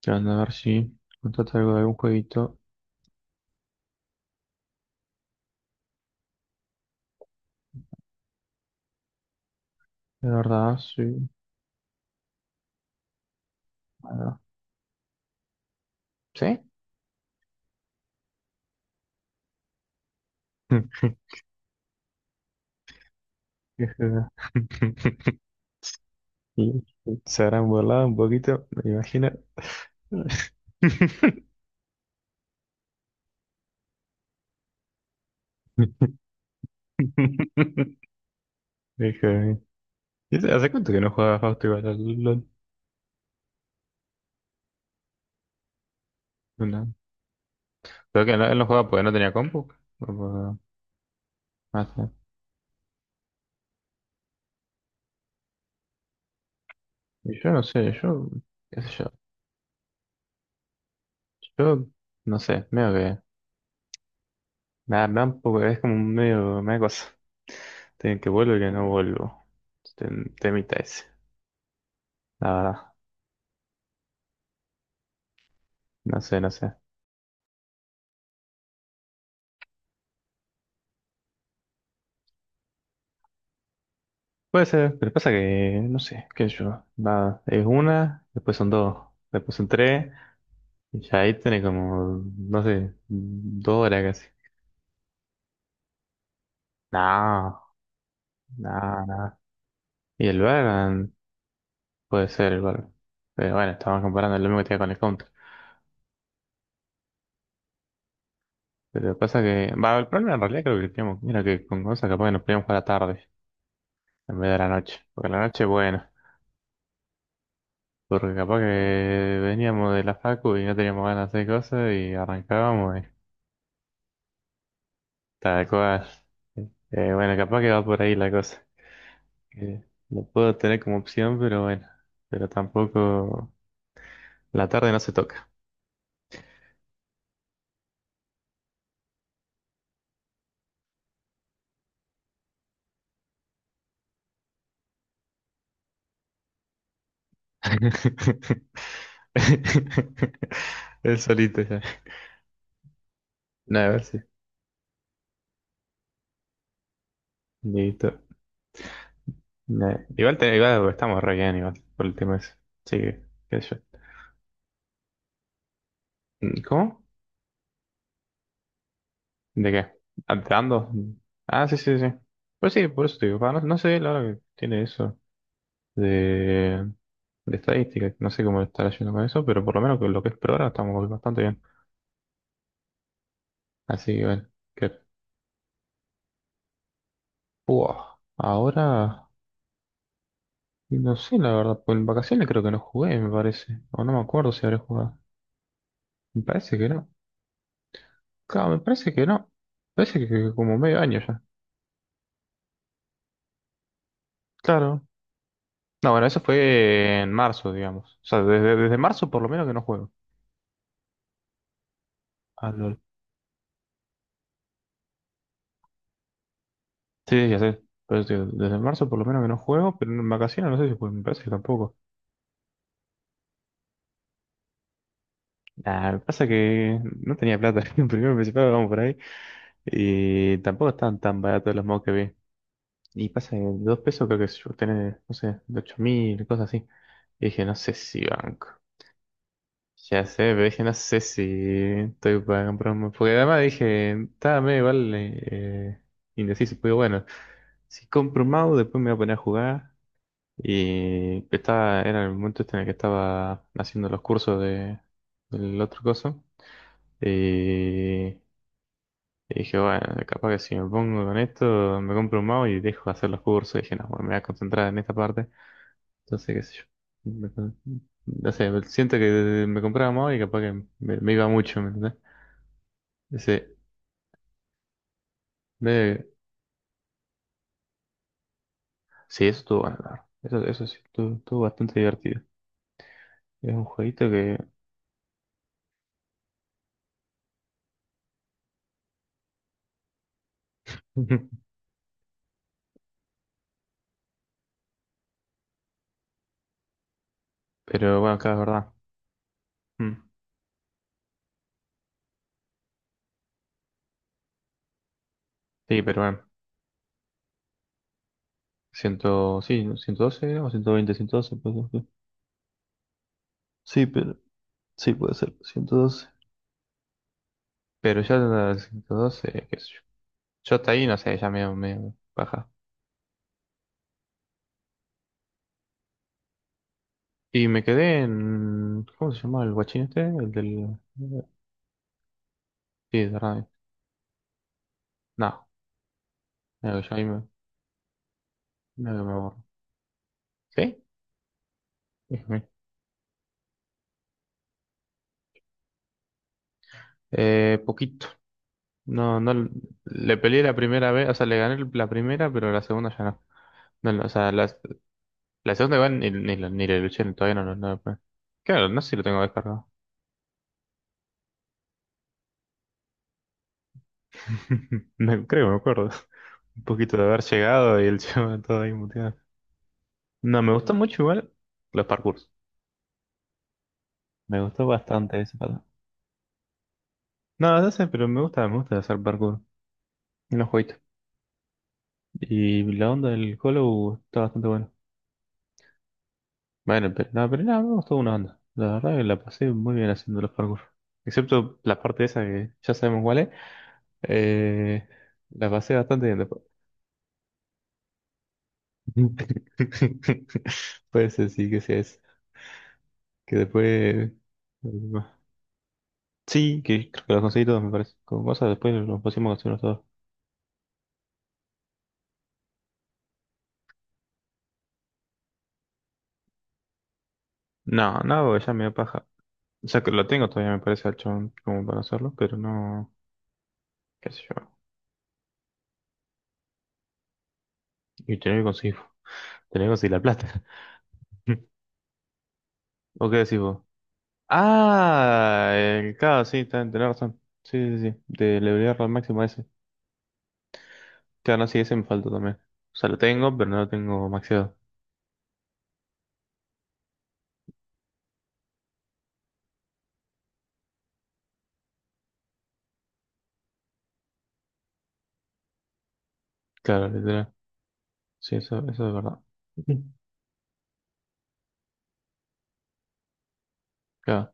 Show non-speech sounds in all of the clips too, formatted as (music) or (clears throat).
¿Qué onda? A ver si contrata algo de algún jueguito. De verdad, sí. Bueno, ¿sí? (laughs) Qué joda. (laughs) Y, se habrán burlado un poquito, me imagino. (laughs) Qué joda. ¿Y hace cuánto que no jugaba Fausto igual al LOL? No. Creo que él no jugaba porque no tenía compu. O por- no sé. Y yo no sé, yo, qué sé yo, yo no sé, medio que nada, tampoco, es como un medio, media cosa. Tienen que vuelvo y que no vuelvo. Temita ese. La verdad, no sé, no sé. Puede ser, pero pasa que, no sé, qué sé yo. Va, es una, después son dos, después son tres, y ya ahí tenés como, no sé, dos horas casi. No, no, no. Y el Valorant puede ser el Valorant. Pero bueno, estamos comparando lo mismo que tenía con el Counter. Pero pasa que, va, el problema en realidad creo que teníamos, mira que con cosas capaz que nos podíamos jugar a la tarde. En vez de la noche. Porque la noche, bueno. Porque capaz que veníamos de la facu y no teníamos ganas de hacer cosas y arrancábamos y tal cual. Bueno, capaz que va por ahí la cosa. Lo puedo tener como opción, pero bueno. Pero tampoco. La tarde no se toca. (laughs) Es solito ya. Nada, a ver si. Listo. Nah, igual, igual estamos re bien, igual, por el tema ese. Sí, qué sé yo. Mm, ¿cómo? ¿De qué? ¿Ando? Ah, sí, sí, sí. Pues sí, por eso te digo, pa, no, no sé la hora que tiene eso de, de, estadística, no sé cómo estará yendo con eso, pero por lo menos con lo que es por ahora estamos bastante bien. Así que bueno, que, buah, ahora no sé la verdad, pues en vacaciones creo que no jugué, me parece, o no me acuerdo si habré jugado. Me parece que no. Claro, me parece que no. Me parece que como medio año ya. Claro. No, bueno, eso fue en marzo, digamos. O sea, desde marzo por lo menos que no juego. Ah, lol. Sí, ya sé. Pero te digo, desde marzo por lo menos que no juego, pero en vacaciones no sé si juego, me parece que tampoco. Nah, me pasa que no tenía plata. (laughs) Primero y principal vamos por ahí. Y tampoco estaban tan baratos los mods que vi. Y pasa que dos pesos creo que yo tenía, no sé, de ocho mil, cosas así. Y dije, no sé si banco. Ya sé, pero dije, no sé si estoy para comprar un mod. Porque además dije, estaba medio igual indeciso. Pero bueno, si compro un mouse, después me voy a poner a jugar. Y estaba, era el momento este en el que estaba haciendo los cursos del otro coso. Y, y dije, bueno, capaz que si me pongo con esto, me compro un mouse y dejo de hacer los cursos. Y dije, no, bueno, me voy a concentrar en esta parte. Entonces, qué sé yo. Me con- No sé, siento que me compraba un mouse y capaz que me iba mucho, ¿me entendés? Ese, me- sí, eso estuvo bueno, la verdad. Eso sí, estuvo, estuvo bastante divertido. Es un jueguito que... (laughs) Pero bueno, claro, es verdad. Mm. Sí, pero bueno. Sí, ¿no? Ciento doce era, o ciento 112, pues, sí. Sí, pero sí puede ser, ciento doce. Pero ya el 112, qué sé yo. Yo hasta ahí, no sé, ya me baja. Y me quedé en, ¿cómo se llama el guachín este? El del, sí, de radio. No, mira que yo ahí mira que me borro. ¿Sí? Ujú. Poquito. No, no, le peleé la primera vez, o sea, le gané la primera, pero la segunda ya no. No, no, o sea, las La segunda igual ni la luché, todavía no, no, no. Claro, no sé si lo tengo descargado. (laughs) Creo que me acuerdo. Un poquito de haber llegado y el (laughs) chaval todo ahí muteado. No, me gustó mucho igual los parkours. Me gustó bastante ese pato. No, no sé, pero me gusta hacer parkour en los jueguitos. Y la onda del Hollow está bastante buena. Bueno, pero no, pero nada, me gustó una onda. La verdad que la pasé muy bien haciendo los parkour. Excepto la parte esa que ya sabemos cuál es. Eh, la pasé bastante bien después. (laughs) Puede ser, sí, que sea eso. Que después. Sí, que creo que los conseguí todos, me parece. Como cosa, después los pusimos a conseguirlos todos. No, no, porque ya me da paja. O sea, que lo tengo todavía, me parece, al chabón, como para hacerlo, pero no. ¿Qué sé yo? Y tener que conseguir la plata. (laughs) ¿O qué decís vos? Ah, el claro, sí, tenés razón. Sí, sí, sí. De elevarlo al máximo a ese. Claro, no, sí, ese me falta también. O sea, lo tengo, pero no lo tengo maxeado. Claro, literal. Sí, eso es verdad. Ujú. Claro,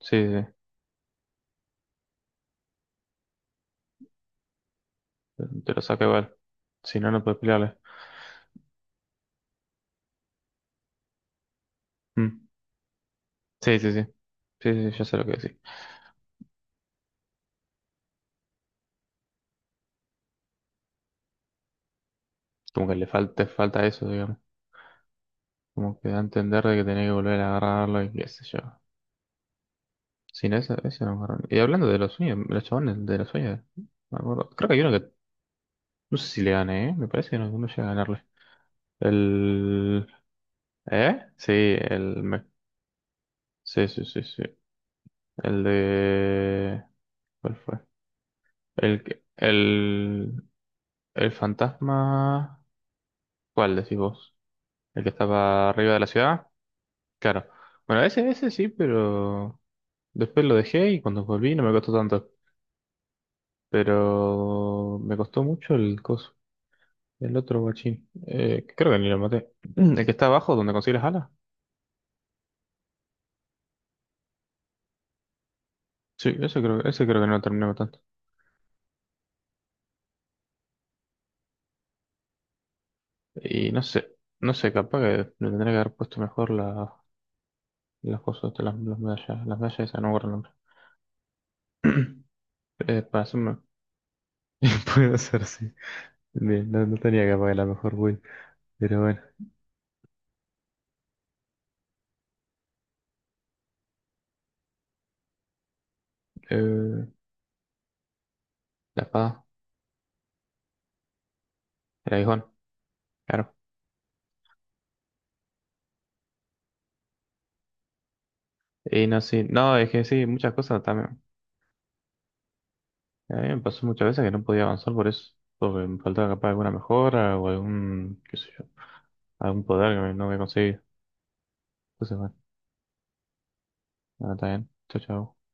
sí, sí, sí. Te lo saca igual. Si no, no puedes pelearle. Mm. Sí, sí, sí. Sí, sí, sí, ya sé lo que decís. Como que le falta, falta eso, digamos. Como que da a entender de que tenés que volver a agarrarlo y qué sé yo. Sin eso, eso no agarran. Y hablando de los sueños, los chabones de los sueños, me acuerdo. Creo que hay uno que, no sé si le gané, ¿eh? Me parece que no, no llega a ganarle. El... ¿Eh? Sí, el... Sí, sí, sí, sí. El de... ¿Cuál fue? El, que- el, el fantasma, ¿cuál decís vos? ¿El que estaba arriba de la ciudad? Claro. Bueno, ese sí, pero después lo dejé y cuando volví no me costó tanto. Pero me costó mucho el coso, el otro guachín. Creo que ni lo maté. (clears throat) El que está abajo, donde consigue las alas. Sí, ese creo que no lo terminé matando. Y no sé, no sé, capaz que le tendría que haber puesto mejor las cosas, estas, las medallas, las medallas, esas, no me acuerdo el nombre. (clears throat) Para hacerme- (laughs) Puede ser, sí. Bien, no, no tenía que pagar la mejor build. Pero bueno. Eh, la espada. El aguijón. Claro. Y no, sí. No, es que sí, muchas cosas también. A mí me pasó muchas veces que no podía avanzar por eso. Porque me faltaba capaz alguna mejora o algún, qué sé yo, algún poder que no había conseguido. Entonces, bueno, nada, está bien. Chao, chao.